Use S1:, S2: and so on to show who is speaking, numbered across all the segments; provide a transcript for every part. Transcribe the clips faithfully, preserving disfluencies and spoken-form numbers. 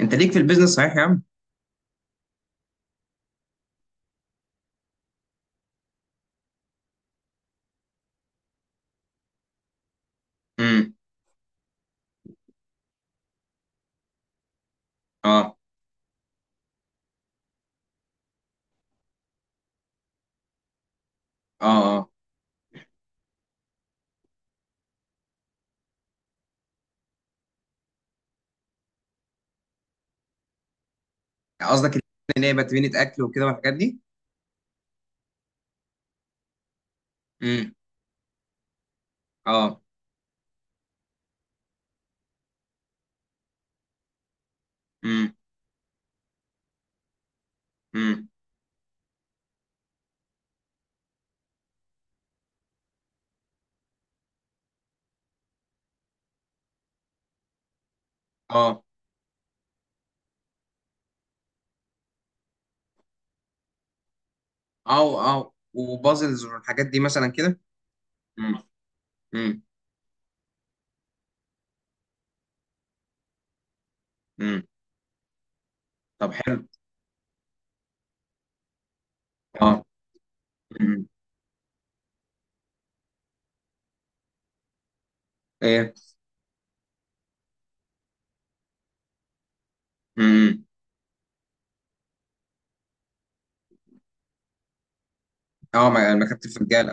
S1: انت ليك في البيزنس، صحيح يا عم؟ امم. اه، اه، اه. قصدك ان هي بتبني اكل وكده والحاجات دي؟ امم. اه. امم، امم. اه، او او وبازلز والحاجات دي مثلا كده. امم، امم، امم. طب، حلو. اه. امم. ايه. امم. اه، ما يعني ما كنت في رجاله.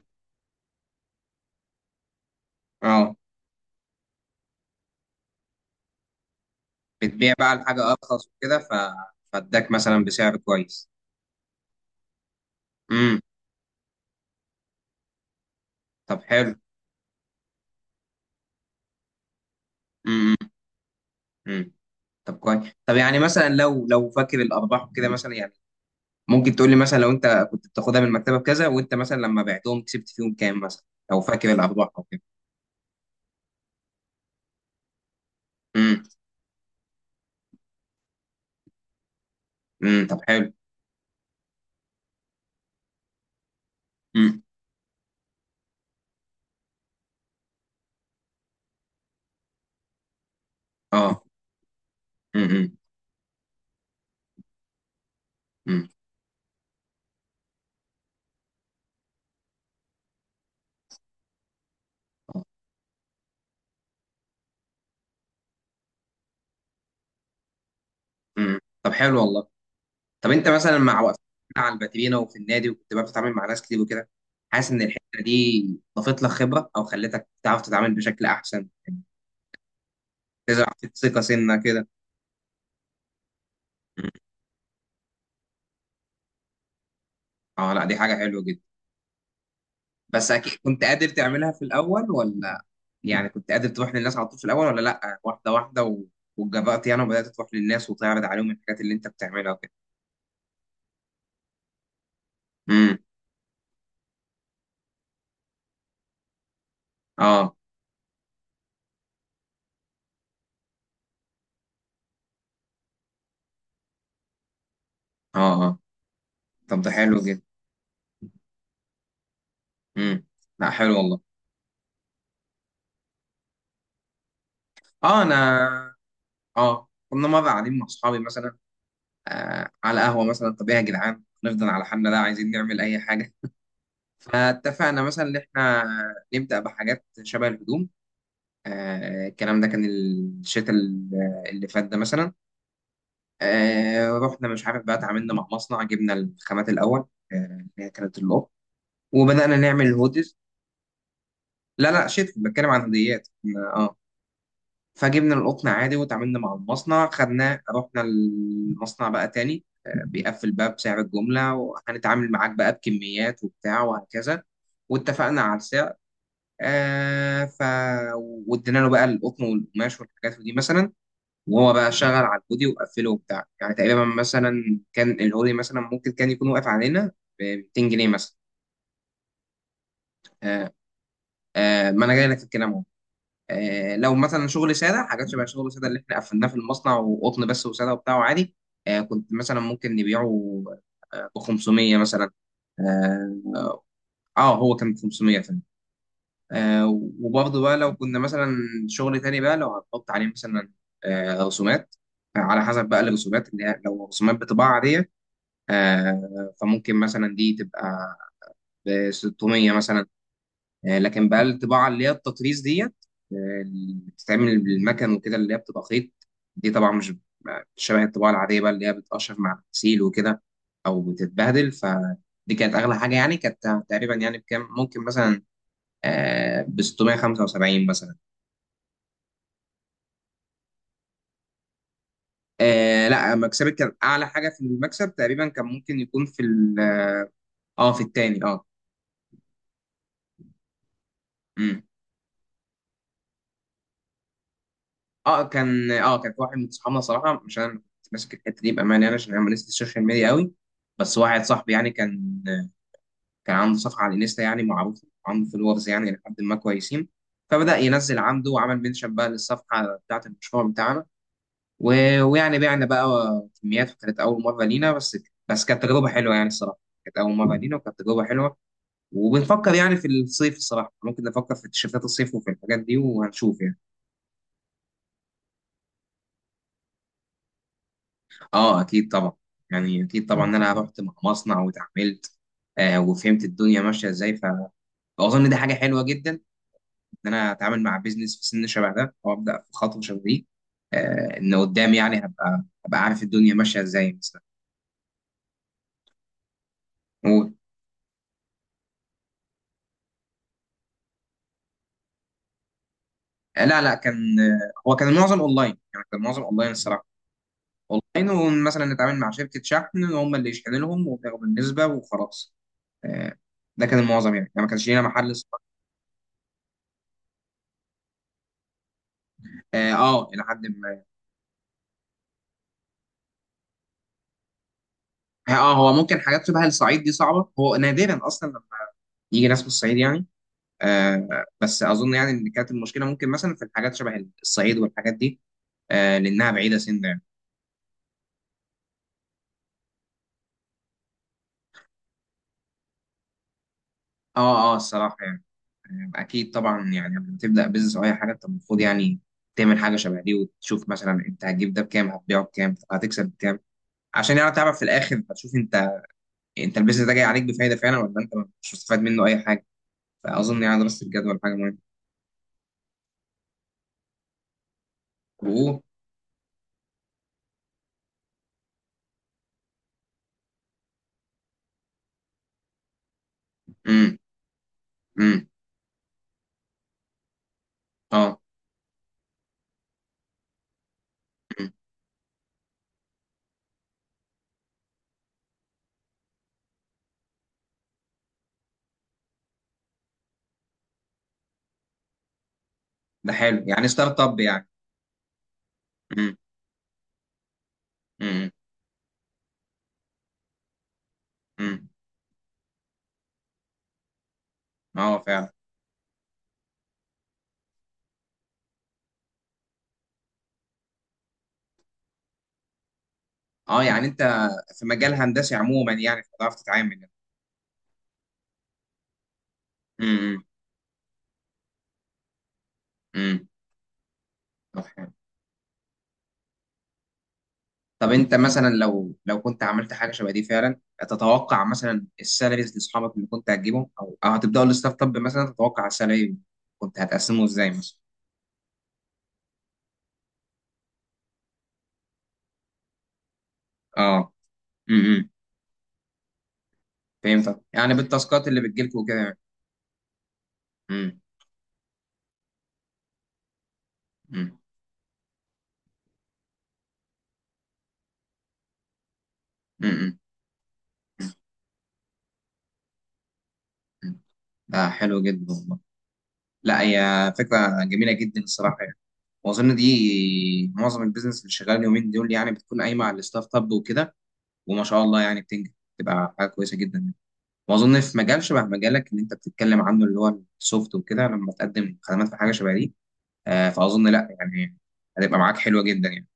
S1: اه، بتبيع بقى الحاجه ارخص وكده، ف فاداك مثلا بسعر كويس؟ امم. طب، حلو. امم، امم. طب كويس. طب يعني مثلا، لو لو فاكر الارباح وكده مثلا، يعني ممكن تقول لي مثلا، لو انت كنت بتاخدها من المكتبه بكذا، وانت مثلا لما بعتهم كسبت فيهم كام مثلا؟ لو فاكر الارباح او كده؟ امم، امم. طب، حلو. امم. اه. امم، امم. آه. امم. طب، حلو والله. طب انت مثلا، مع وقفت على الباترينا وفي النادي، وكنت بقى بتتعامل مع ناس كتير وكده، حاسس ان الحته دي ضافت لك خبره، او خلتك تعرف تتعامل بشكل احسن يعني، تزرع فيك ثقه سنه كده؟ مم. اه، لا، دي حاجه حلوه جدا. بس اكيد كنت قادر تعملها في الاول ولا؟ يعني كنت قادر تروح للناس على طول في الاول، ولا لا، واحده واحده و... واتجبرت يعني، وبدات تروح للناس وتعرض عليهم الحاجات اللي انت بتعملها وكده؟ امم. اه، اه، اه. طب ده حلو جدا. امم. لا، حلو والله. اه، انا اه كنا مره قاعدين مع اصحابي مثلا، آه على قهوه مثلا، طب ايه يا جدعان؟ نفضل على حالنا؟ لا، عايزين نعمل اي حاجه. فاتفقنا مثلا ان احنا نبدا بحاجات شبه الهدوم. آه الكلام ده كان الشتاء اللي فات ده مثلا. آه رحنا مش عارف بقى، اتعاملنا مع مصنع، جبنا الخامات الاول، آه، اللي هي كانت القطن، وبدانا نعمل الهودز. لا، لا، شيت بتكلم عن هديات. اه، فجبنا القطن عادي، وتعاملنا مع المصنع، خدناه، رحنا المصنع بقى تاني، آه، بيقفل بقى بسعر الجملة، وهنتعامل معاك بقى بكميات وبتاع وهكذا. واتفقنا على السعر. آه ف وادينا له بقى القطن والقماش والحاجات دي مثلا، وهو بقى شغل على الهودي وقفله وبتاع، يعني تقريبا مثلا كان الهودي مثلا ممكن كان يكون واقف علينا ب ميتين جنيه مثلا. آه آه ما انا جاي لك في الكلام اهو. آه لو مثلا شغل ساده، حاجات شبه شغل ساده اللي احنا قفلناه في المصنع، وقطن بس وساده وبتاع وعادي، آه كنت مثلا ممكن نبيعه ب خمسميه مثلا. اه. آه، هو كان خمسميه فعلا. آه وبرضه بقى لو كنا مثلا، شغل تاني بقى لو هنحط عليه مثلا، آه رسومات، على حسب بقى الرسومات اللي هي، لو رسومات بطباعة عادية، آه، فممكن مثلا دي تبقى ب ستميه مثلا. آه، لكن بقى الطباعه اللي هي التطريز ديت، آه، اللي بتتعمل بالمكن وكده، اللي هي بتبقى خيط، دي طبعا مش شبه الطباعه العاديه بقى اللي هي بتقشر مع الغسيل وكده او بتتبهدل. فدي كانت اغلى حاجه يعني، كانت تقريبا يعني بكام؟ ممكن مثلا، آه، ب ستمائة وخمسة وسبعين مثلا. آه لا، مكسبك كان اعلى حاجه، في المكسب تقريبا كان ممكن يكون في ال- اه، في التاني. اه، اه، كان اه كان في واحد من صحابنا صراحه، مش انا اللي كنت ماسك الحته دي بامانه يعني، عشان انا ماليش في السوشيال ميديا قوي. بس واحد صاحبي يعني، كان كان عنده صفحه على الانستا، يعني معروف عنده فولورز، يعني لحد ما كويسين. فبدا ينزل عنده، وعمل منشن بقى للصفحه بتاعه المشروع بتاعنا، و... ويعني بعنا بقى كميات، وكانت اول مره لينا. بس بس كانت تجربه حلوه يعني الصراحه، كانت اول مره لينا وكانت تجربه حلوه. وبنفكر يعني، في الصيف الصراحه ممكن نفكر في تيشيرتات الصيف وفي الحاجات دي، وهنشوف يعني. اه، اكيد طبعا. يعني اكيد طبعا، ان انا رحت مع مصنع واتعاملت، آه وفهمت الدنيا ماشيه ازاي، ف- فاظن دي حاجه حلوه جدا، ان انا اتعامل مع بيزنس في سن شبه ده، او ابدا في خطوه شبه دي، آه ان قدام يعني، هبقى هبقى عارف الدنيا ماشيه ازاي مثلا. و- آه لا، لا، كان، آه هو كان معظم اونلاين، يعني كان معظم اونلاين الصراحه. اونلاين مثلا نتعامل مع شركه شحن، هم اللي يشحنوا لهم وتاخد النسبه وخلاص. آه ده كان المعظم، يعني يعني ما كانش لينا محل ص- اه. آه، الى حد ما. اه. آه، هو ممكن حاجات شبه الصعيد دي صعبة، هو نادرا اصلا لما يجي ناس من الصعيد يعني. آه بس اظن يعني، ان كانت المشكلة ممكن مثلا في الحاجات شبه الصعيد والحاجات دي، آه لانها بعيدة سن يعني. اه، اه، الصراحة يعني. آه اكيد طبعا، يعني لما تبدأ بيزنس او اي حاجة انت المفروض يعني تعمل حاجة شبه دي، وتشوف مثلا انت هتجيب ده بكام، هتبيعه بكام، هتكسب بكام، عشان يعني تعرف في الاخر، هتشوف انت انت البيزنس ده جاي عليك بفايدة فعلا، ولا انت مش مستفاد منه اي حاجة. فاظن يعني دراسة الجدول حاجة مهمة. و امم، امم. اه، ده حلو يعني، ستارت اب يعني. امم، امم، امم. اه فعلا. اه، يعني انت في مجال هندسي عموما، يعني هتعرف تتعامل يعني. امم، امم. طب حلو. طب انت مثلا، لو لو كنت عملت حاجه شبه دي فعلا، تتوقع مثلا السالاريز لاصحابك اللي كنت هتجيبهم، او او هتبداوا الستارت اب مثلا، تتوقع السالاري كنت هتقسمه ازاي مثلا؟ اه. امم. فهمتك، يعني بالتاسكات اللي بتجيلكوا وكده. امم، امم، امم. ده حلو جدا والله. لا، هي فكره جميله جدا الصراحه يعني. واظن دي معظم البيزنس اللي شغال اليومين دول، يعني بتكون قايمه على الستارت اب وكده، وما شاء الله يعني بتنجح، بتبقى حاجه كويسه جدا يعني. واظن في مجال شبه مجالك اللي انت بتتكلم عنه، اللي هو السوفت وكده، لما تقدم خدمات في حاجه شبه دي، آه فاظن، لا يعني، هتبقى معاك حلوه جدا يعني.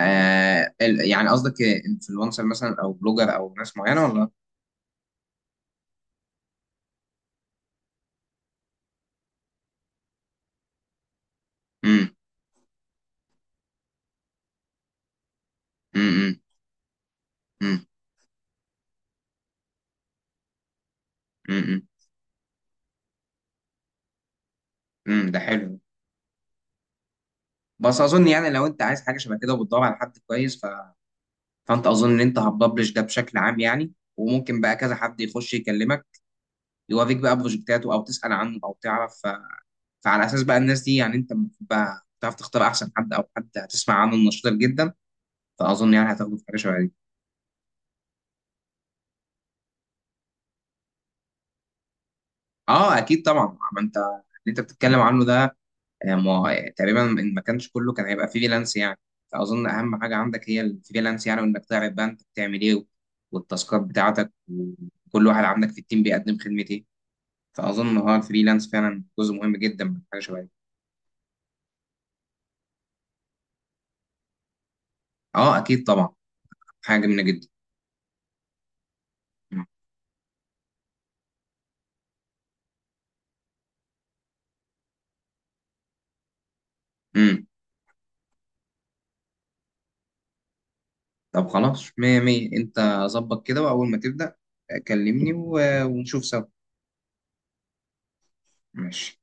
S1: آه ال- يعني قصدك انفلونسر مثلا، او بلوجر، او ناس معينه، ولا؟ امم، امم، امم، امم، امم. ده حلو. بس اظن يعني، لو انت عايز حاجه شبه كده وبتدور على حد كويس، فانت اظن ان انت هتبلش ده بشكل عام يعني، وممكن بقى كذا حد يخش يكلمك، يوافق بقى بروجكتاته، او تسال عنه، او تعرف. ف... فعلى اساس بقى الناس دي يعني، انت المفروض بقى تعرف تختار احسن حد، او حد هتسمع عنه النشاط جدا. فاظن يعني هتاخده في حاجه شبه دي. اه، اكيد طبعا. ما انت اللي انت بتتكلم عنه ده، آه، ما هو تقريبا ان ما كانش كله، كان هيبقى فريلانس يعني. فاظن اهم حاجه عندك هي الفريلانس يعني، وانك تعرف بقى انت بتعمل ايه، والتاسكات بتاعتك، وكل واحد عندك في التيم بيقدم خدمة ايه. فاظن ان اه الفريلانس فعلا جزء مهم جدا من حاجه شبه دي. اه، اكيد طبعا. حاجه جميله جدا. امم. طب خلاص، مية مية. انت ظبط كده، واول ما تبدا كلمني و- ونشوف سوا. ماشي.